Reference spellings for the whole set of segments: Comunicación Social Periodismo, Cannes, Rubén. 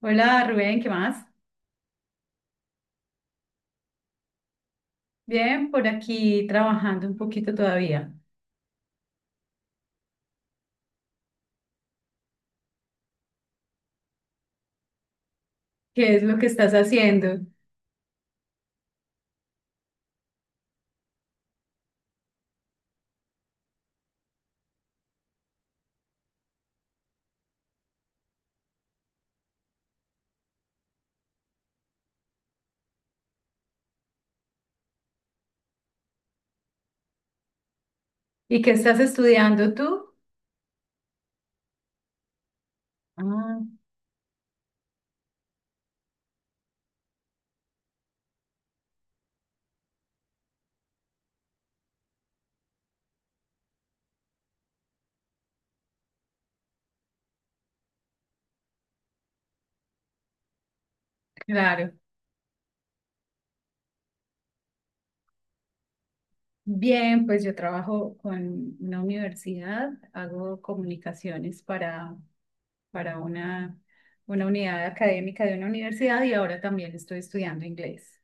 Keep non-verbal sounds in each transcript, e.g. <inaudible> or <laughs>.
Hola Rubén, ¿qué más? Bien, por aquí trabajando un poquito todavía. ¿Qué es lo que estás haciendo? ¿Y qué estás estudiando tú? Ah, claro. Bien, pues yo trabajo con una universidad, hago comunicaciones para una unidad académica de una universidad y ahora también estoy estudiando inglés.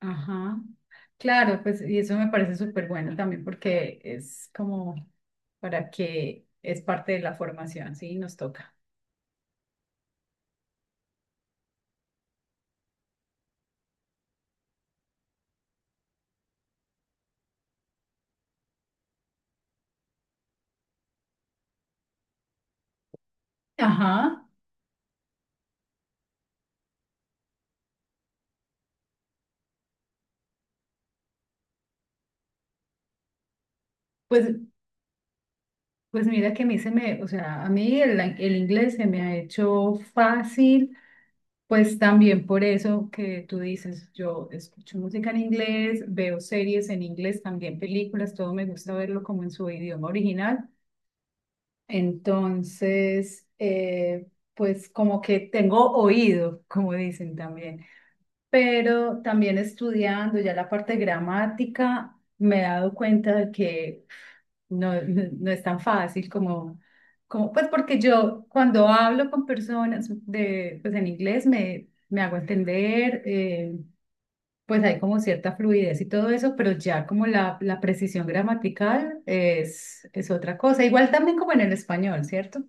Ajá. Claro, pues y eso me parece súper bueno también porque es como para que es parte de la formación, sí, nos toca. Ajá, pues, pues mira que a mí se me, o sea, a mí el inglés se me ha hecho fácil, pues también por eso que tú dices, yo escucho música en inglés, veo series en inglés, también películas, todo me gusta verlo como en su idioma original. Entonces, pues como que tengo oído, <laughs> como dicen también, pero también estudiando ya la parte gramática, me he dado cuenta de que no, no, no es tan fácil como, como, pues porque yo cuando hablo con personas de, pues en inglés me, me hago entender, pues hay como cierta fluidez y todo eso, pero ya como la precisión gramatical es otra cosa, igual también como en el español, ¿cierto?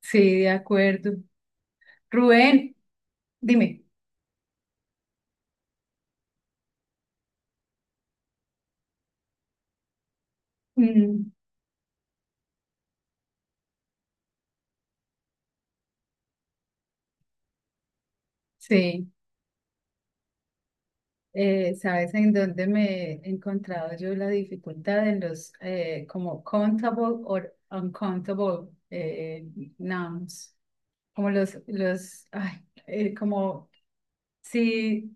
Sí, de acuerdo. Rubén, dime. Mm, sí, ¿sabes en dónde me he encontrado yo la dificultad en los como countable o uncountable nouns? Como los, ay, como, sí,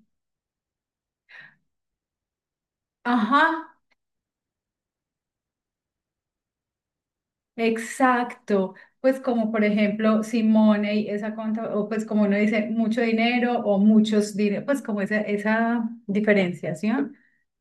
ajá, exacto. Pues como por ejemplo, si money, esa conta, o pues como uno dice mucho dinero o muchos dinero, pues como esa diferenciación.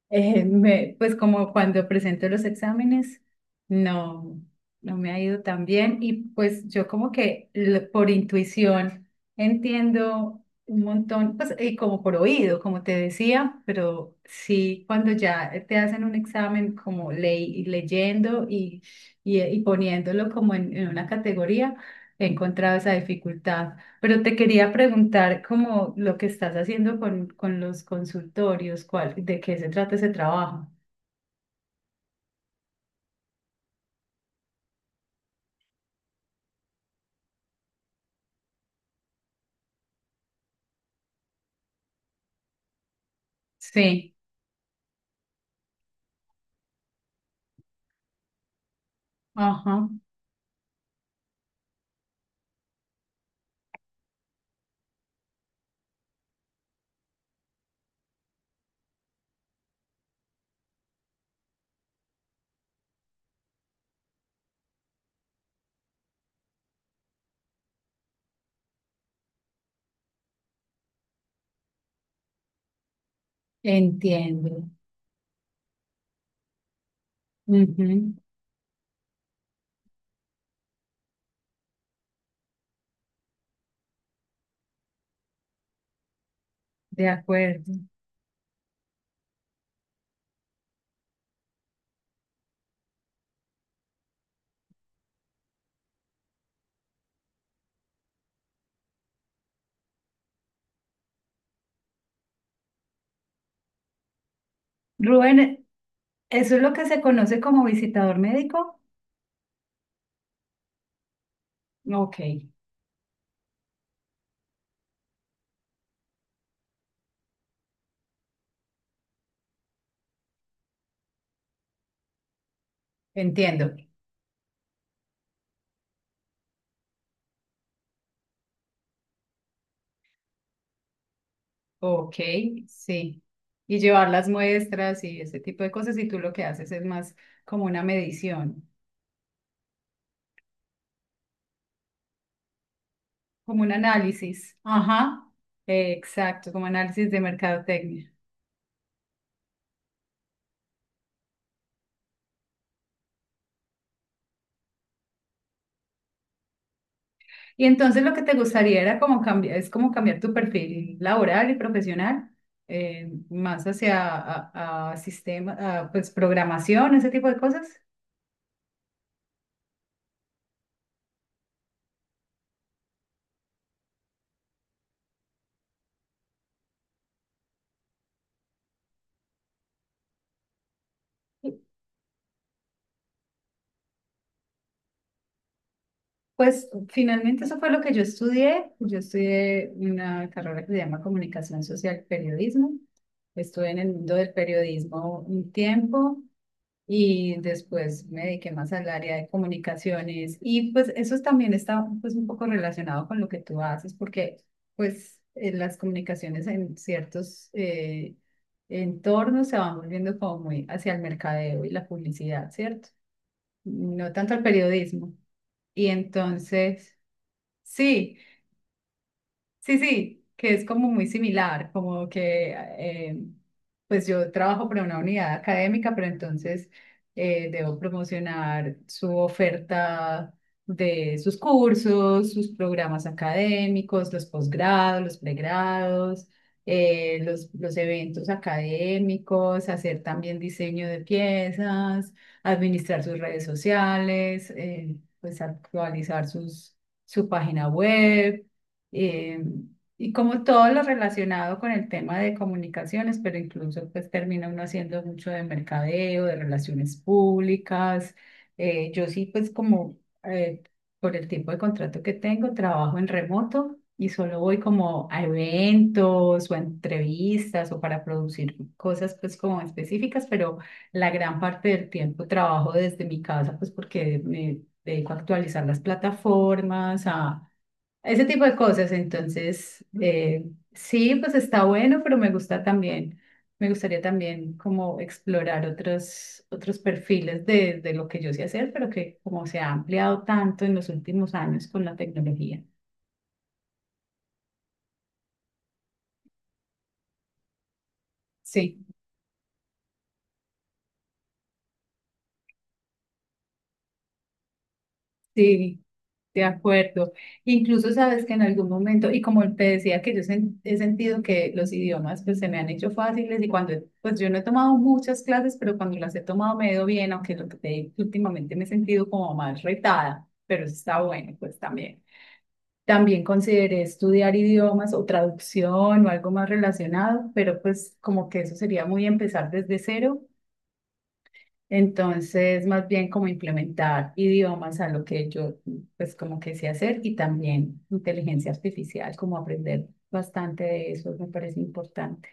Me- pues como cuando presento los exámenes, no, no me ha ido tan bien y pues yo como que l- por intuición entiendo un montón, pues y como por oído, como te decía, pero sí cuando ya te hacen un examen como ley, leyendo y poniéndolo como en una categoría, he encontrado esa dificultad. Pero te quería preguntar como lo que estás haciendo con los consultorios, cuál, de qué se trata ese trabajo. Sí, ajá, entiendo. Ujú, de acuerdo. Rubén, ¿eso es lo que se conoce como visitador médico? Ok, entiendo. Ok, sí. Y llevar las muestras y ese tipo de cosas, y tú lo que haces es más como una medición, como un análisis. Ajá, exacto, como análisis de mercadotecnia. Y entonces lo que te gustaría era como cambiar, es como cambiar tu perfil laboral y profesional, más hacia a sistema, a, pues programación, ese tipo de cosas. Pues finalmente eso fue lo que yo estudié. Yo estudié una carrera que se llama Comunicación Social Periodismo. Estuve en el mundo del periodismo un tiempo y después me dediqué más al área de comunicaciones y pues eso también está pues un poco relacionado con lo que tú haces porque pues en las comunicaciones en ciertos entornos se van volviendo como muy hacia el mercadeo y la publicidad, ¿cierto? No tanto al periodismo. Y entonces, sí. Sí, sí, que es como muy similar, como que pues yo trabajo para una unidad académica, pero entonces debo promocionar su oferta de sus cursos, sus programas académicos, los posgrados, los pregrados, los eventos académicos, hacer también diseño de piezas, administrar sus redes sociales, pues actualizar sus, su página web eh, y como todo lo relacionado con el tema de comunicaciones, pero incluso pues termina uno haciendo mucho de mercadeo, de relaciones públicas. Yo sí pues como eh, por el tipo de contrato que tengo, trabajo en remoto y solo voy como a eventos o a entrevistas o para producir cosas pues como específicas, pero la gran parte del tiempo trabajo desde mi casa pues porque me dedico a actualizar las plataformas, a ese tipo de cosas, entonces, sí, pues está bueno, pero me gusta también, me gustaría también como explorar otros, otros perfiles de lo que yo sé hacer, pero que como se ha ampliado tanto en los últimos años con la tecnología. Sí, sí. De acuerdo. Incluso sabes que en algún momento, y como te decía que yo sen- he sentido que los idiomas pues se me han hecho fáciles y cuando, pues yo no he tomado muchas clases, pero cuando las he tomado me he ido bien, aunque lo que te digo, que últimamente me he sentido como más retada, pero eso está bueno pues también. También consideré estudiar idiomas o traducción o algo más relacionado, pero pues como que eso sería muy empezar desde cero entonces, más bien como implementar idiomas a lo que yo, pues como que sé hacer y también inteligencia artificial, como aprender bastante de eso, me parece importante.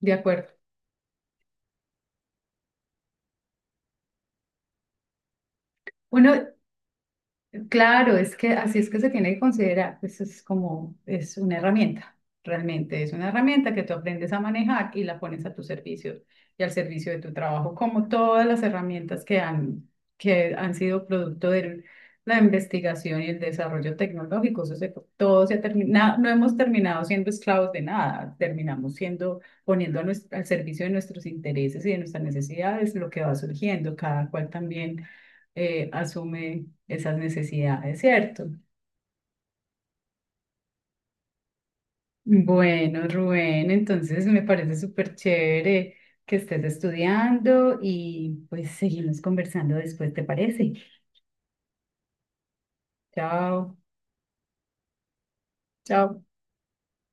De acuerdo. Bueno, claro, es que así es que se tiene que considerar, pues es como, es una herramienta, realmente es una herramienta que tú aprendes a manejar y la pones a tu servicio y al servicio de tu trabajo, como todas las herramientas que han sido producto de la investigación y el desarrollo tecnológico. Eso se- todo se ha terminado, no hemos terminado siendo esclavos de nada, terminamos siendo, poniendo a nues- al servicio de nuestros intereses y de nuestras necesidades lo que va surgiendo, cada cual también asume esas necesidades, ¿cierto? Bueno, Rubén, entonces me parece súper chévere que estés estudiando y pues seguimos conversando después, ¿te parece? Chao. Chao.